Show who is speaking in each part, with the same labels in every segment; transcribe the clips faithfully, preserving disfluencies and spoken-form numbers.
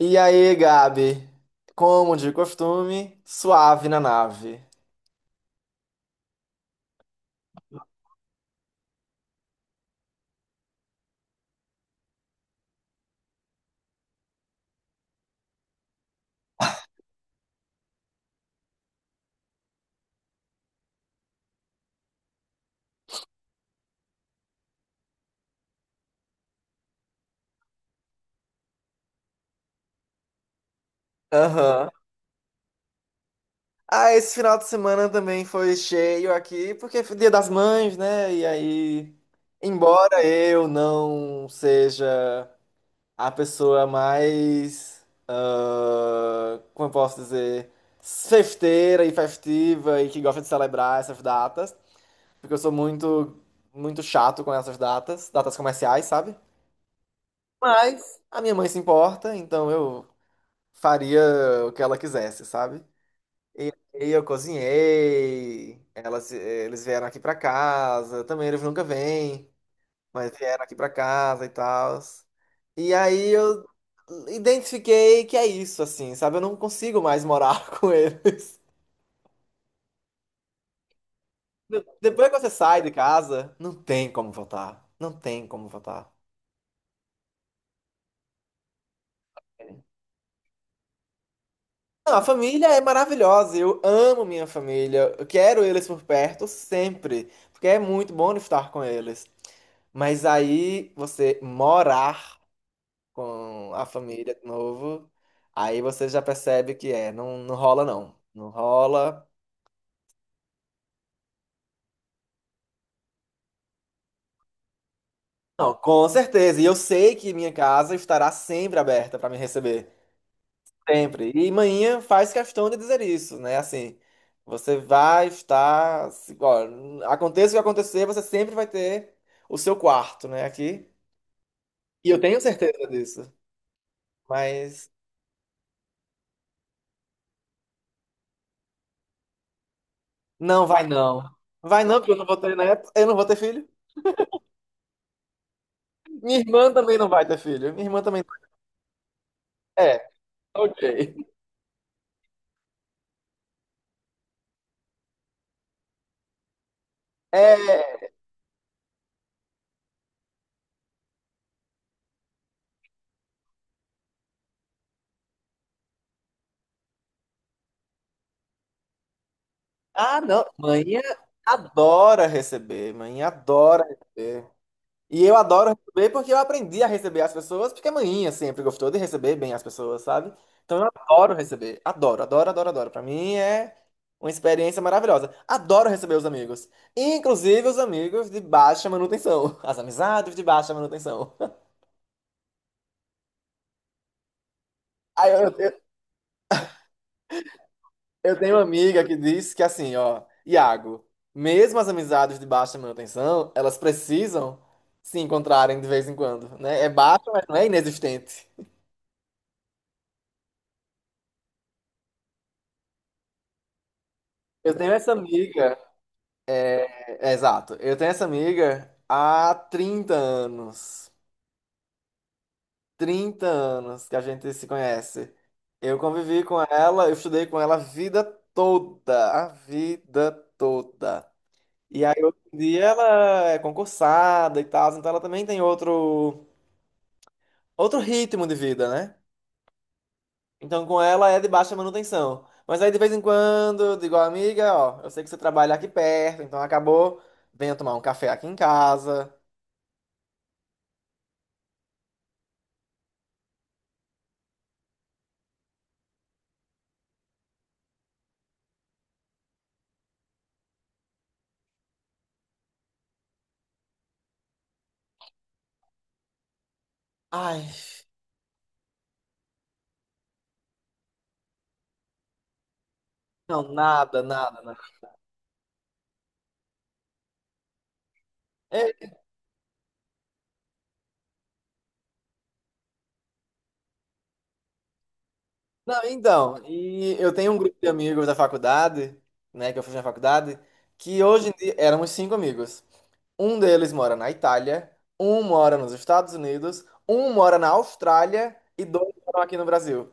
Speaker 1: E aí, Gabi? Como de costume, suave na nave. Aham. Ah, esse final de semana também foi cheio aqui, porque foi Dia das Mães, né? E aí, embora eu não seja a pessoa mais, ah, como eu posso dizer, festeira e festiva e que gosta de celebrar essas datas, porque eu sou muito, muito chato com essas datas, datas comerciais, sabe? Mas a minha mãe se importa, então eu faria o que ela quisesse, sabe? E eu cozinhei, elas, eles vieram aqui pra casa, também eles nunca vêm, mas vieram aqui pra casa e tal. E aí eu identifiquei que é isso, assim, sabe? Eu não consigo mais morar com eles. Depois que você sai de casa, não tem como voltar. Não tem como voltar. Não, a família é maravilhosa, eu amo minha família, eu quero eles por perto sempre, porque é muito bom estar com eles. Mas aí você morar com a família de novo, aí você já percebe que é, não, não rola não. Não rola. Não, com certeza. E eu sei que minha casa estará sempre aberta para me receber. Sempre. E manhã faz questão de dizer isso, né? Assim, você vai estar. se- Ó, aconteça o que acontecer, você sempre vai ter o seu quarto, né? Aqui. E eu tenho certeza disso. Mas não vai não. Vai não, porque eu não vou ter neto, eu não vou ter filho. Minha irmã também não vai ter filho. Minha irmã também não vai. É, ok. É. Ah, não. Mãe adora receber. Mãe adora receber. E eu adoro receber porque eu aprendi a receber as pessoas, porque a mãinha sempre gostou de receber bem as pessoas, sabe? Então eu adoro receber. Adoro, adoro, adoro, adoro. Pra mim é uma experiência maravilhosa. Adoro receber os amigos. Inclusive os amigos de baixa manutenção. As amizades de baixa manutenção. Aí eu, eu Eu tenho uma amiga que diz que assim, ó, Iago, mesmo as amizades de baixa manutenção, elas precisam se encontrarem de vez em quando, né? É baixa, mas não é inexistente. Eu tenho essa amiga, É, é, exato, eu tenho essa amiga há trinta anos. Trinta anos que a gente se conhece. Eu convivi com ela, eu estudei com ela a vida toda, a vida toda. E aí hoje em dia ela é concursada e tal, então ela também tem outro outro ritmo de vida, né? Então com ela é de baixa manutenção. Mas aí de vez em quando eu digo, amiga, ó, eu sei que você trabalha aqui perto, então acabou, venha tomar um café aqui em casa. Ai, não, nada, nada, nada. É, não, então, e eu tenho um grupo de amigos da faculdade, né, que eu fiz na faculdade, que hoje em dia éramos cinco amigos. Um deles mora na Itália, um mora nos Estados Unidos, um mora na Austrália e dois moram aqui no Brasil.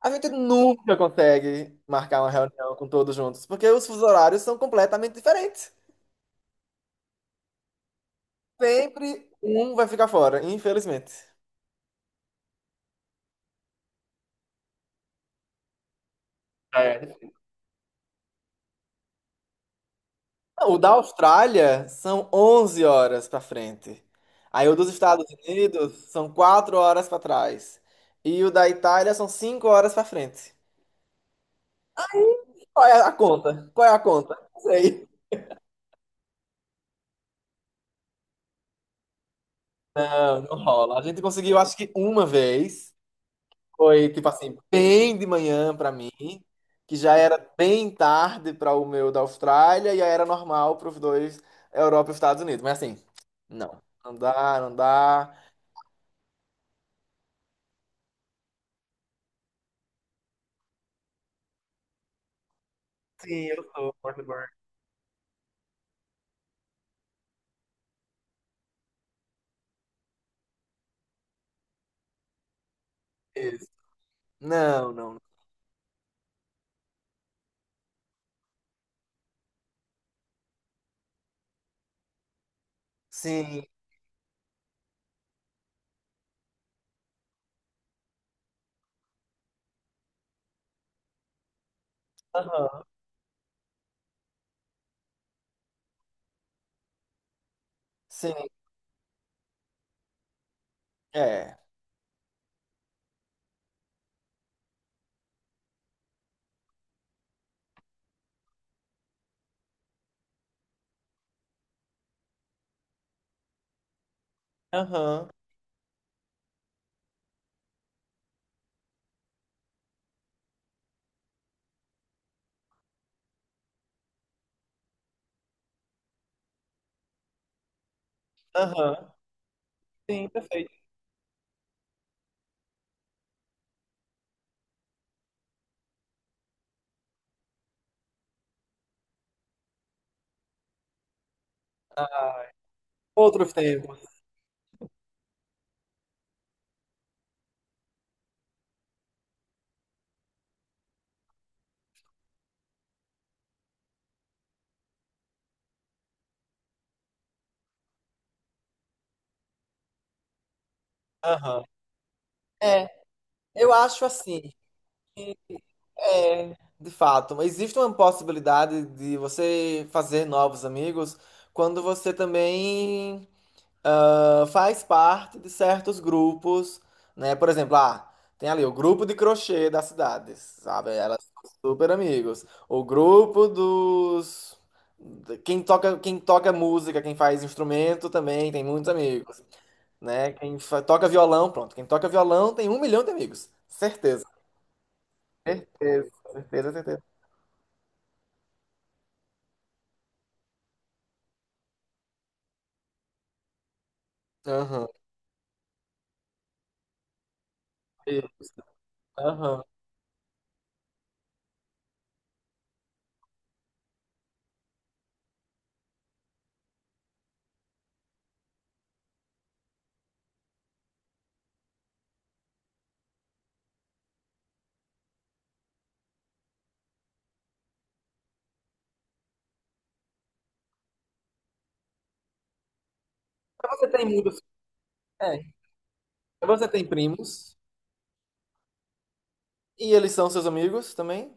Speaker 1: A gente nunca consegue marcar uma reunião com todos juntos, porque os fusos horários são completamente diferentes. Sempre um vai ficar fora, infelizmente. É. O da Austrália são onze horas para frente. Aí o dos Estados Unidos são quatro horas para trás. E o da Itália são cinco horas para frente. Qual é a conta? Qual é a conta? Não sei. Não, não rola. A gente conseguiu, acho que uma vez. Foi, tipo assim, bem de manhã pra mim, que já era bem tarde para o meu da Austrália e aí era normal para os dois, Europa e Estados Unidos. Mas assim, não, não dá, não dá. Sim, eu sou Portugal. Isso. Não, não. Sim, aham, sim, é. Aham, aham, sim, perfeito. Outros tempos. Aham. É, eu acho assim, é, de fato, mas existe uma possibilidade de você fazer novos amigos quando você também ah, faz parte de certos grupos, né? Por exemplo, ah, tem ali o grupo de crochê das cidades, sabe? Elas são super amigos. O grupo dos de- quem toca, quem toca música, quem faz instrumento também tem muitos amigos, né? Quem fa- toca violão, pronto. Quem toca violão tem um milhão de amigos, certeza. Certeza, certeza, certeza. Aham. Isso. Aham. Mas você tem amigos? É. Você tem primos? E eles são seus amigos também?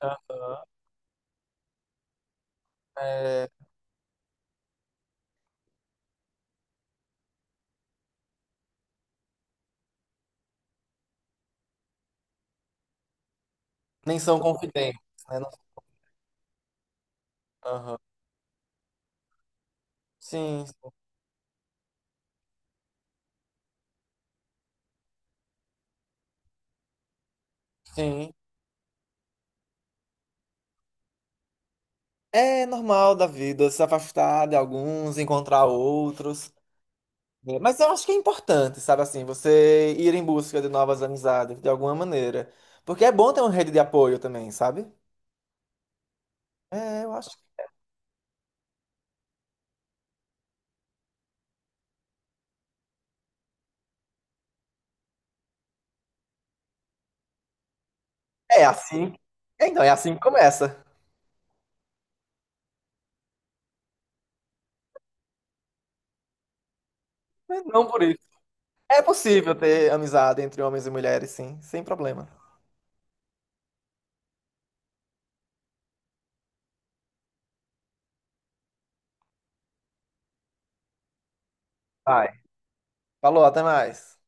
Speaker 1: Ah, é, nem são confidentes, né? Não- Aham. Sim, sim. É normal da vida se afastar de alguns, encontrar outros. Né? Mas eu acho que é importante, sabe assim, você ir em busca de novas amizades, de alguma maneira. Porque é bom ter uma rede de apoio também, sabe? É, eu acho. É assim. É, então, é assim que começa. Mas não por isso. É possível ter amizade entre homens e mulheres, sim, sem problema. Vai. Falou, até mais.